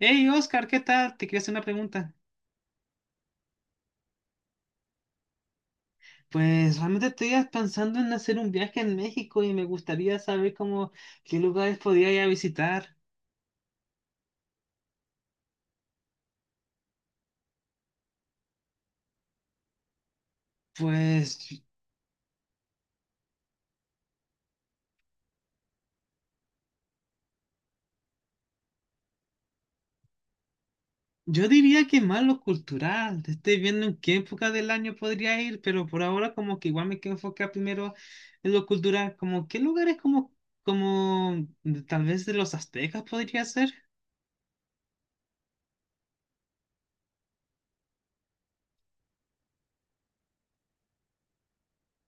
Hey Oscar, ¿qué tal? Te quería hacer una pregunta. Pues realmente estoy pensando en hacer un viaje en México y me gustaría saber cómo, qué lugares podría ir a visitar. Pues yo diría que más lo cultural. Estoy viendo en qué época del año podría ir, pero por ahora como que igual me quiero enfocar primero en lo cultural. Como qué lugares como, como tal vez de los aztecas podría ser.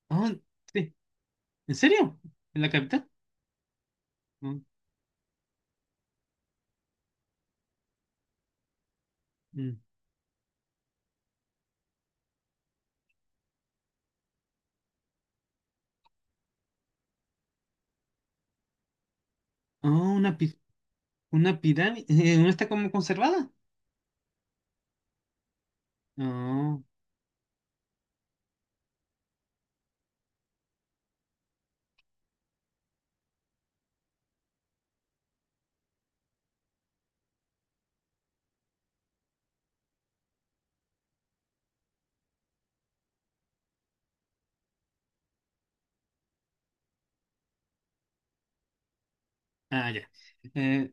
Oh, sí. ¿En serio? ¿En la capital? Oh, mm. Oh, una ¿Una pirámide? ¿No está como conservada? No. Ah, ya. Eh,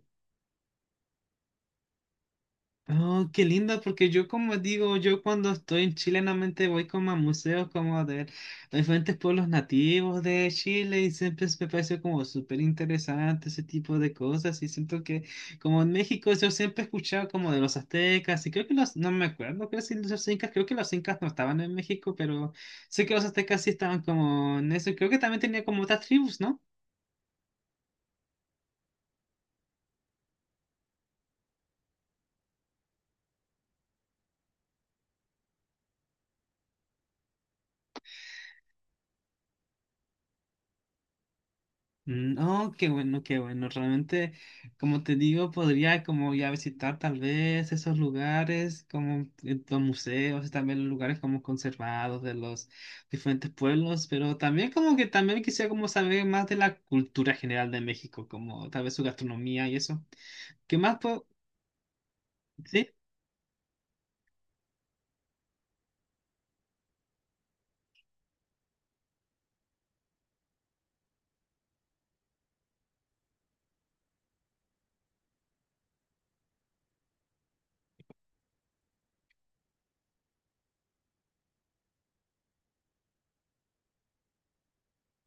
oh, qué lindo, porque yo como digo, yo cuando estoy en Chile normalmente voy como a museos como de diferentes pueblos nativos de Chile y siempre me pareció como súper interesante ese tipo de cosas y siento que como en México yo siempre he escuchado como de los aztecas y creo que los, no me acuerdo, creo que sí, los incas, creo que los incas no estaban en México, pero sé que los aztecas sí estaban como en eso y creo que también tenía como otras tribus, ¿no? Mm. Oh, qué bueno, qué bueno. Realmente, como te digo, podría como ya visitar tal vez esos lugares, como los museos, y también los lugares como conservados de los diferentes pueblos, pero también como que también quisiera como saber más de la cultura general de México, como tal vez su gastronomía y eso. ¿Qué más puedo? Sí.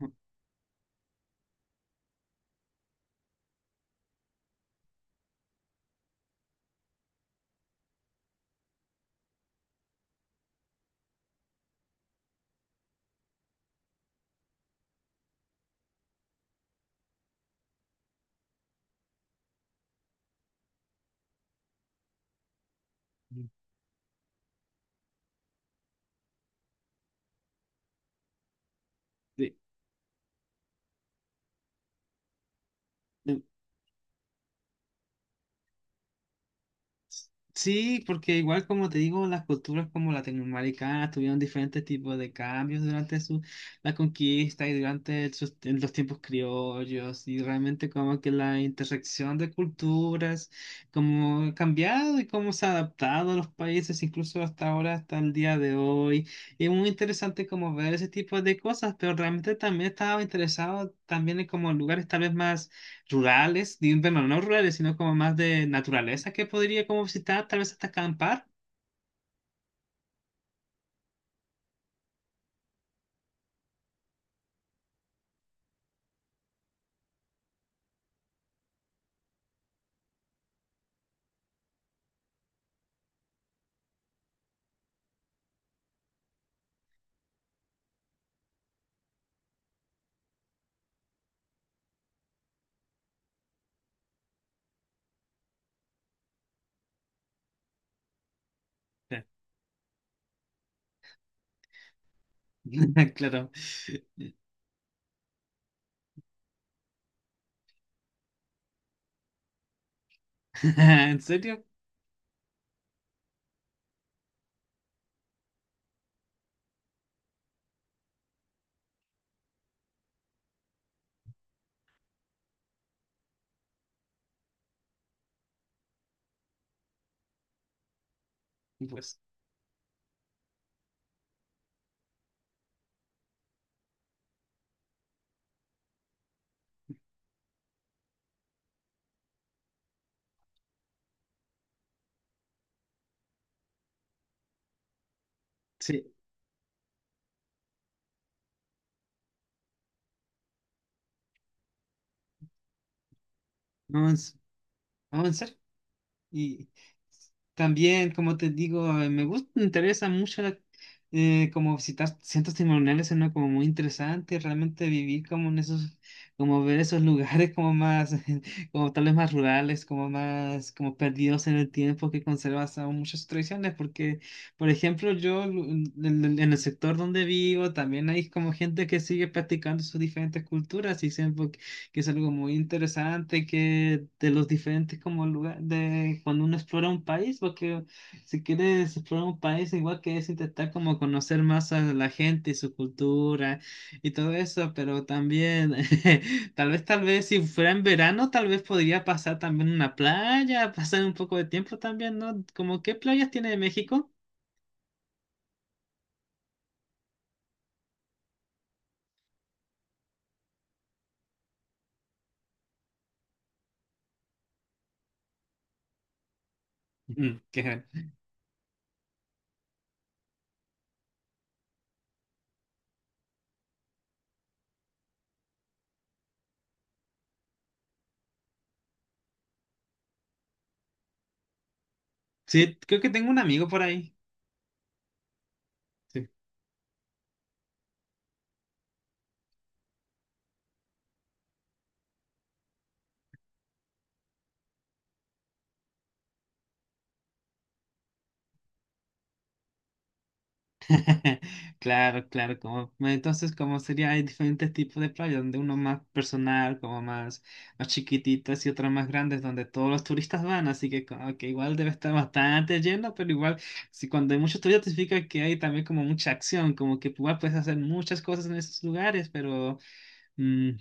Mm. Sí. Sí. Sí, porque igual como te digo, las culturas como latinoamericanas tuvieron diferentes tipos de cambios durante su, la conquista y durante sus- en los tiempos criollos y realmente como que la intersección de culturas como ha cambiado y cómo se ha adaptado a los países incluso hasta ahora, hasta el día de hoy. Y es muy interesante como ver ese tipo de cosas, pero realmente también estaba interesado también en como lugares tal vez más rurales, ni- bueno, no rurales, sino como más de naturaleza que podría como visitar, tal vez hasta acampar. Claro. ¿En serio? Pues sí. No, en, s- no, en serio. Y también, como te digo, me gusta, me interesa mucho la- como visitar centros ceremoniales, suena como muy interesante, realmente vivir como en esos, como ver esos lugares como más, como tal vez más rurales, como más, como perdidos en el tiempo que conservas aún muchas tradiciones, porque, por ejemplo, yo lu- en el que es algo muy interesante, que de los diferentes como lugares, de cuando uno explora un país, porque si quieres explorar un país, igual que es intentar como conocer más a la gente y su cultura y todo eso, pero también, tal vez si fuera en verano, tal vez podría pasar también una playa, pasar un poco de tiempo también, ¿no? Como, ¿qué playas tiene México? Mm, qué- Sí, creo que tengo un amigo por ahí. Claro, claro, como entonces como sería, hay diferentes tipos de playas, donde uno más personal, como más, más chiquititas y otras más grandes, donde todos los turistas van, así que como que igual debe estar bastante lleno, pero igual, si cuando hay muchos turistas significa que hay también como mucha acción, como que igual puedes hacer muchas cosas en esos lugares, pero mm.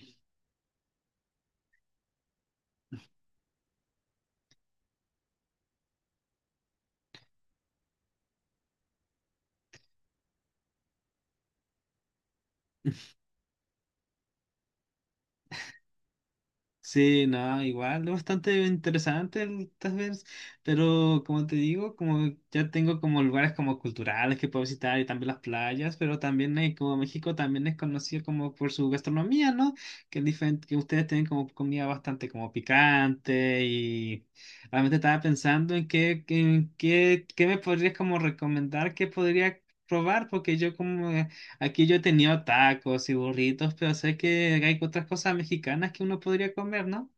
Sí, no, igual, es bastante interesante el Tazverse, pero como te digo, como ya tengo como lugares como culturales que puedo visitar y también las playas, pero también como México también es conocido como por su gastronomía, ¿no? Que, es diferente, que ustedes tienen como comida bastante como picante y realmente estaba pensando en qué, qué me podrías como recomendar que podría probar, porque yo como aquí yo he tenido tacos y burritos, pero sé que hay otras cosas mexicanas que uno podría comer, ¿no?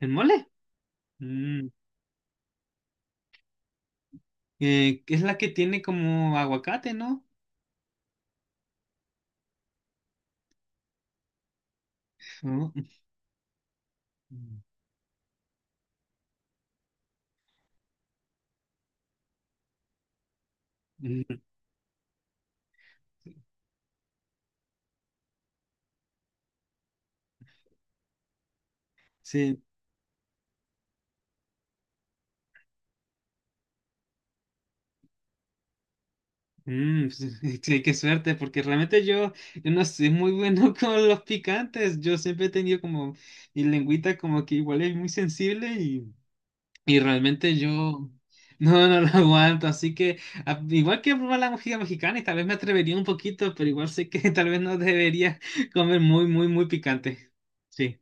¿El mole? Mm, que es la que tiene como aguacate, ¿no? Oh, mm. Sí, mm. Sí, qué suerte, porque realmente yo, yo no soy muy bueno con los picantes. Yo siempre he tenido como mi lengüita como que igual es muy sensible. Y realmente yo no, no lo aguanto, así que a- igual que probar la música mexicana y tal vez me atrevería un poquito, pero igual sé que tal vez no debería comer muy, muy, muy picante. Sí.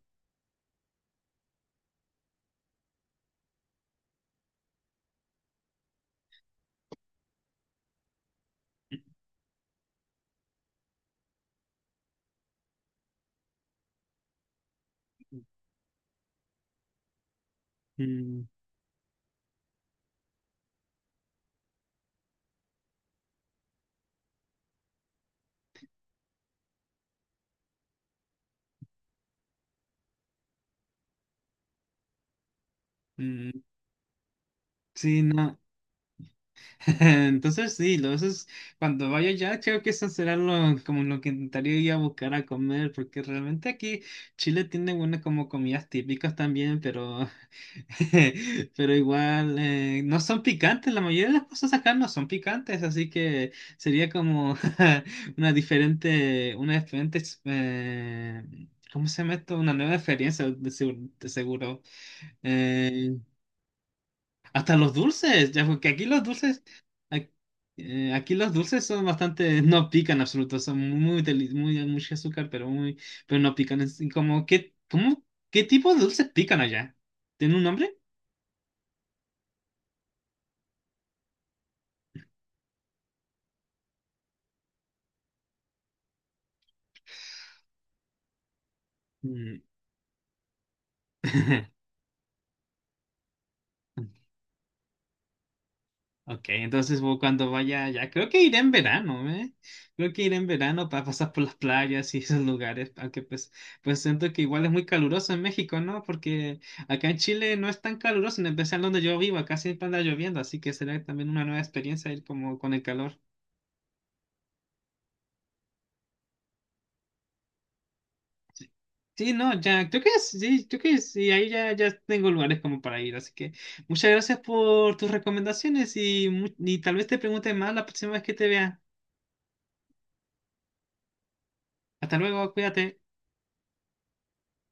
Mm, mm, sí, no. Entonces sí, lo- eso es- cuando vaya allá creo que eso será lo, como lo que intentaría ir a buscar a comer, porque realmente aquí Chile tiene buenas como comidas típicas también, pero, pero igual no son picantes, la mayoría de las cosas acá no son picantes, así que sería como una diferente, ex- ¿cómo se llama esto? Una nueva experiencia de seguro. De seguro. Eh, hasta los dulces, ya, porque aquí los dulces, ac- aquí, los dulces son bastante, no pican en absoluto, son muy, deli- muy, mucho azúcar, pero muy, pero no pican. Es como, ¿qué, cómo, qué tipo de dulces pican allá? ¿Tiene un nombre? Mm. Ok, entonces bueno, cuando vaya allá, creo que iré en verano, ¿eh? Creo que iré en verano para pasar por las playas y esos lugares, aunque pues, pues siento que igual es muy caluroso en México, ¿no? Porque acá en Chile no es tan caluroso, en especial donde yo vivo, acá siempre anda lloviendo, así que será también una nueva experiencia ir como con el calor. Sí, no, ya, creo que sí, ahí ya, ya tengo lugares como para ir, así que muchas gracias por tus recomendaciones y, mu- y tal vez te pregunte más la próxima vez que te vea. Hasta luego, cuídate.